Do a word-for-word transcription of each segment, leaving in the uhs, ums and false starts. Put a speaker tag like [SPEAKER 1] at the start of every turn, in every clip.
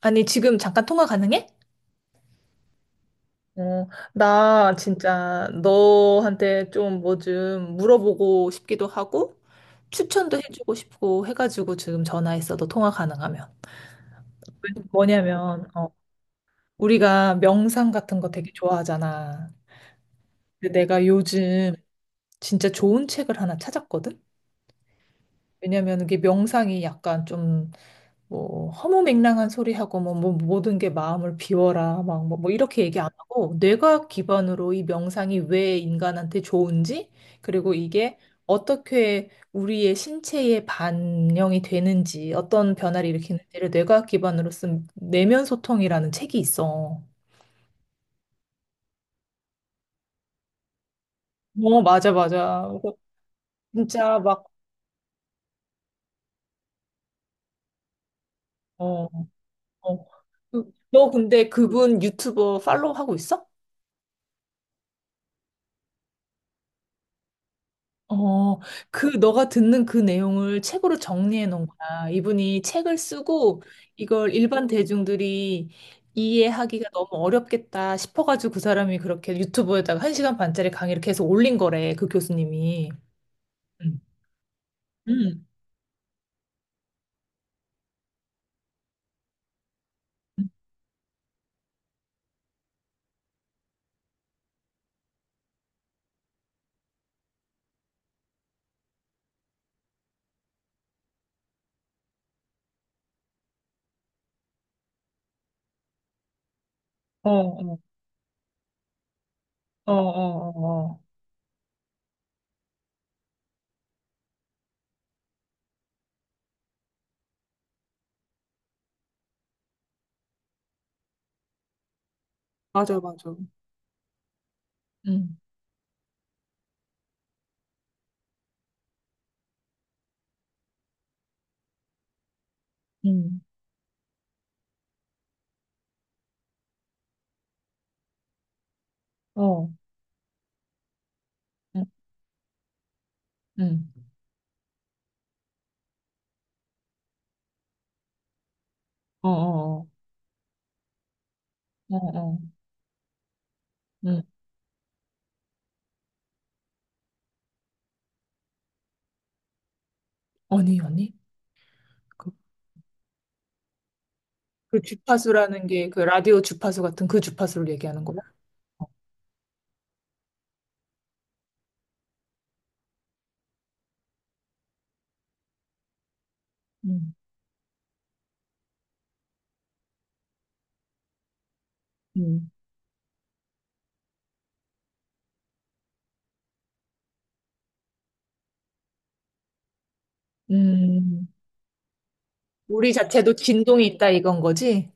[SPEAKER 1] 아니, 지금 잠깐 통화 가능해? 어, 나 진짜 너한테 좀 뭐 좀 물어보고 싶기도 하고, 추천도 해주고 싶고 해가지고 지금 전화했어. 너 통화 가능하면. 뭐냐면, 어, 우리가 명상 같은 거 되게 좋아하잖아. 근데 내가 요즘 진짜 좋은 책을 하나 찾았거든? 왜냐면 이게 명상이 약간 좀 뭐 허무맹랑한 소리하고 뭐, 뭐 모든 게 마음을 비워라 막뭐 뭐 이렇게 얘기 안 하고 뇌과학 기반으로 이 명상이 왜 인간한테 좋은지 그리고 이게 어떻게 우리의 신체에 반영이 되는지 어떤 변화를 일으키는지를 뇌과학 기반으로 쓴 내면 소통이라는 책이 있어. 어 맞아 맞아. 그래서 진짜 막 어, 어. 그- 너 근데 그분 유튜버 팔로우 하고 있어? 어, 그, 너가 듣는 그 내용을 책으로 정리해 놓은 거야. 이분이 책을 쓰고 이걸 일반 대중들이 이해하기가 너무 어렵겠다 싶어가지고 그 사람이 그렇게 유튜브에다가 한시간 반짜리 강의를 계속 올린 거래, 그 교수님이. 응. 응. 어, 어, 어, 어, 어. 맞아, 맞아. 응. 응, 어, 응. 응. 어, 어, 어, 어, 어. 응. 아니, 아니. 그, 그 주파수라는 게 그 라디오 주파수 같은 그 주파수를 얘기하는 거야? 음. 음. 우리 자체도 진동이 있다 이건 거지?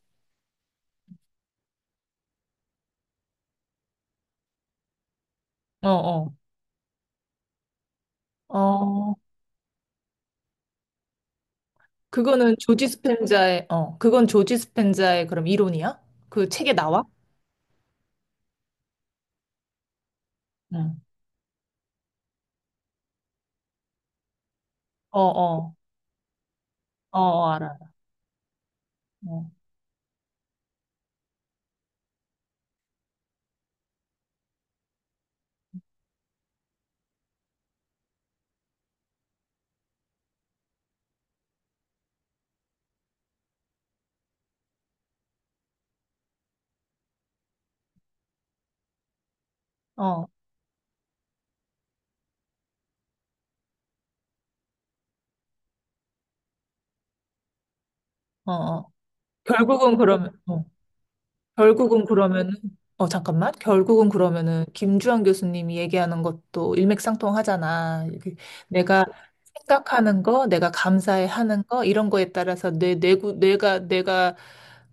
[SPEAKER 1] 어, 어. 어, 그거는 조지 스펜자의, 어, 그건 조지 스펜자의 그럼 이론이야? 그 책에 나와? 응. 어, 어, 어, 어, 알아. 어, 어, 어, 어. 결국은 그러면, 어, 결국은 그러면은, 어, 잠깐만. 결국은 그러면은, 김주환 교수님이 얘기하는 것도 일맥상통하잖아. 이게 내가 생각하는 거, 내가 감사해 하는 거, 이런 거에 따라서 내 뇌구, 뇌가, 내가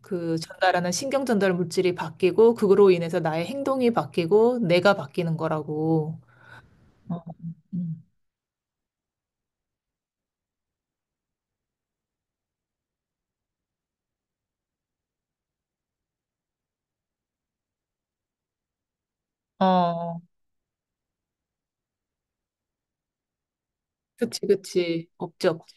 [SPEAKER 1] 그 전달하는 신경 전달 물질이 바뀌고, 그거로 인해서 나의 행동이 바뀌고, 내가 바뀌는 거라고. 어, 음. 어, 그치, 그치. 없지, 없지.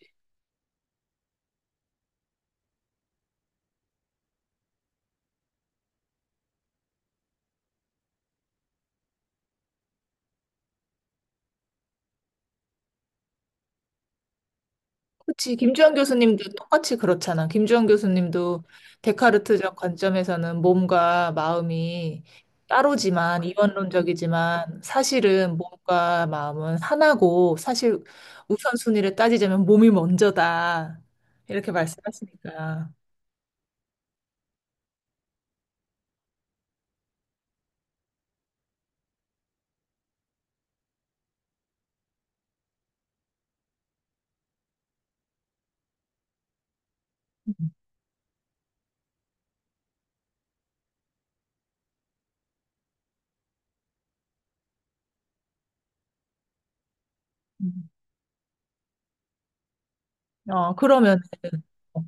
[SPEAKER 1] 그치. 김주환 교수님도 똑같이 그렇잖아. 김주환 교수님도 데카르트적 관점에서는 몸과 마음이 따로지만, 이원론적이지만, 사실은 몸과 마음은 하나고, 사실 우선순위를 따지자면 몸이 먼저다. 이렇게 말씀하시니까. 음, 음. 어, 그러면, 어,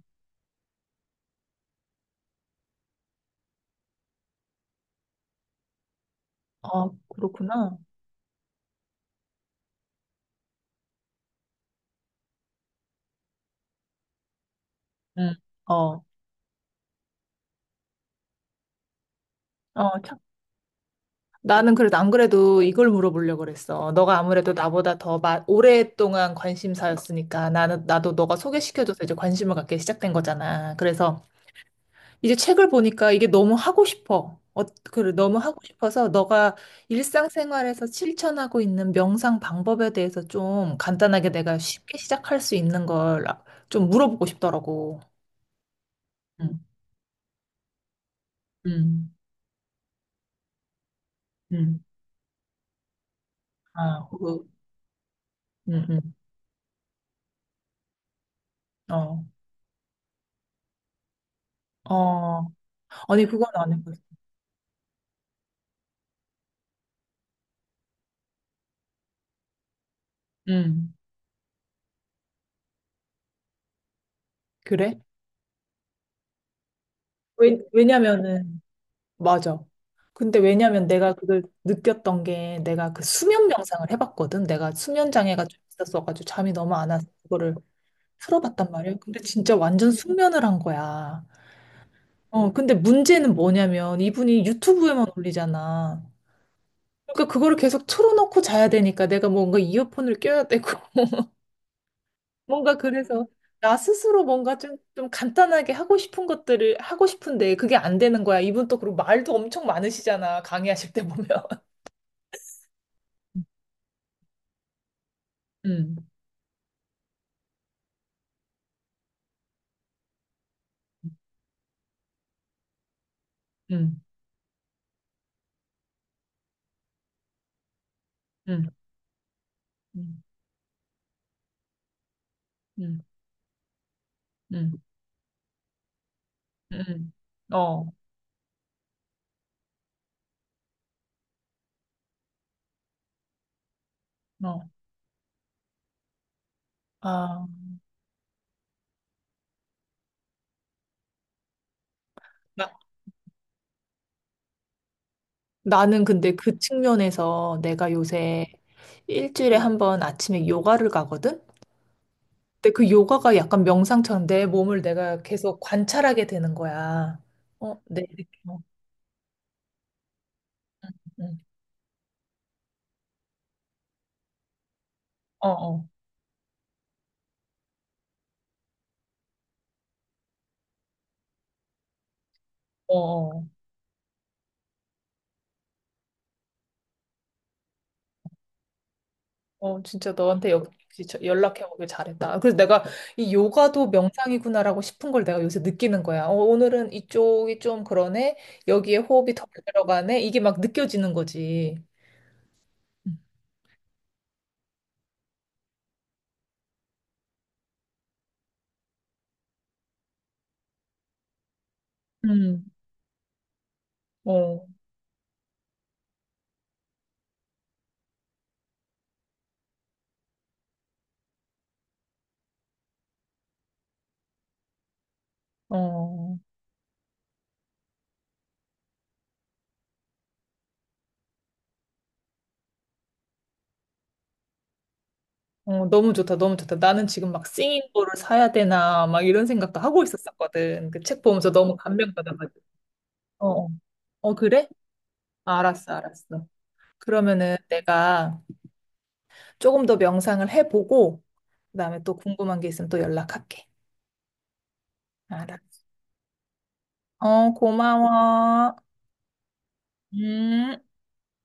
[SPEAKER 1] 어, 그렇구나. 음, 어, 어, 나는 그래도 안 그래도 이걸 물어보려고 그랬어. 너가 아무래도 나보다 더 마- 오랫동안 관심사였으니까 나는 나도 너가 소개시켜줘서 이제 관심을 갖게 시작된 거잖아. 그래서 이제 책을 보니까 이게 너무 하고 싶어. 어, 그래, 너무 하고 싶어서 너가 일상생활에서 실천하고 있는 명상 방법에 대해서 좀 간단하게 내가 쉽게 시작할 수 있는 걸 아, 좀 물어보고 싶더라고. 응, 응, 응. 아, 그, 응, 응. 어, 어. 아니, 그건 안 해봤어. 응. 그래? 왜, 왜냐면은, 맞아. 근데 왜냐면 내가 그걸 느꼈던 게 내가 그 수면 명상을 해봤거든. 내가 수면 장애가 좀 있었어가지고 잠이 너무 안 와서 그거를 풀어봤단 말이야. 근데 진짜 완전 숙면을 한 거야. 어, 근데 문제는 뭐냐면 이분이 유튜브에만 올리잖아. 그러니까 그거를 계속 틀어놓고 자야 되니까 내가 뭔가 이어폰을 껴야 되고. 뭔가 그래서 나 스스로 뭔가 좀, 좀 간단하게 하고 싶은 것들을 하고 싶은데 그게 안 되는 거야. 이분 또 그리고 말도 엄청 많으시잖아. 강의하실 때 보면. 음, 음, 음, 음, 음, 음, 음. 어, 어. 아, 나, 나는 근데 그 측면에서 내가 요새 일주일에 한번 아침에 요가를 가거든? 근데 그 요가가 약간 명상처럼 내 몸을 내가 계속 관찰하게 되는 거야. 어, 내 느낌. 어, 어, 어. 어, 어, 어, 진짜 너한테 역- 역시 저- 연락해보길 잘했다. 아, 그래서 내가 이 요가도 명상이구나라고 싶은 걸 내가 요새 느끼는 거야. 어, 오늘은 이쪽이 좀 그러네. 여기에 호흡이 덜 들어가네. 이게 막 느껴지는 거지. 음, 음, 어, 어, 어, 너무 좋다, 너무 좋다. 나는 지금 막 싱잉볼을 사야 되나, 막 이런 생각도 하고 있었었거든. 그 책 보면서 너무 감명받아가지고. 어, 어, 어, 그래? 아, 알았어, 알았어. 그러면은 내가 조금 더 명상을 해보고, 그다음에 또 궁금한 게 있으면 또 연락할게. 알았어. 어, 고마워. 음.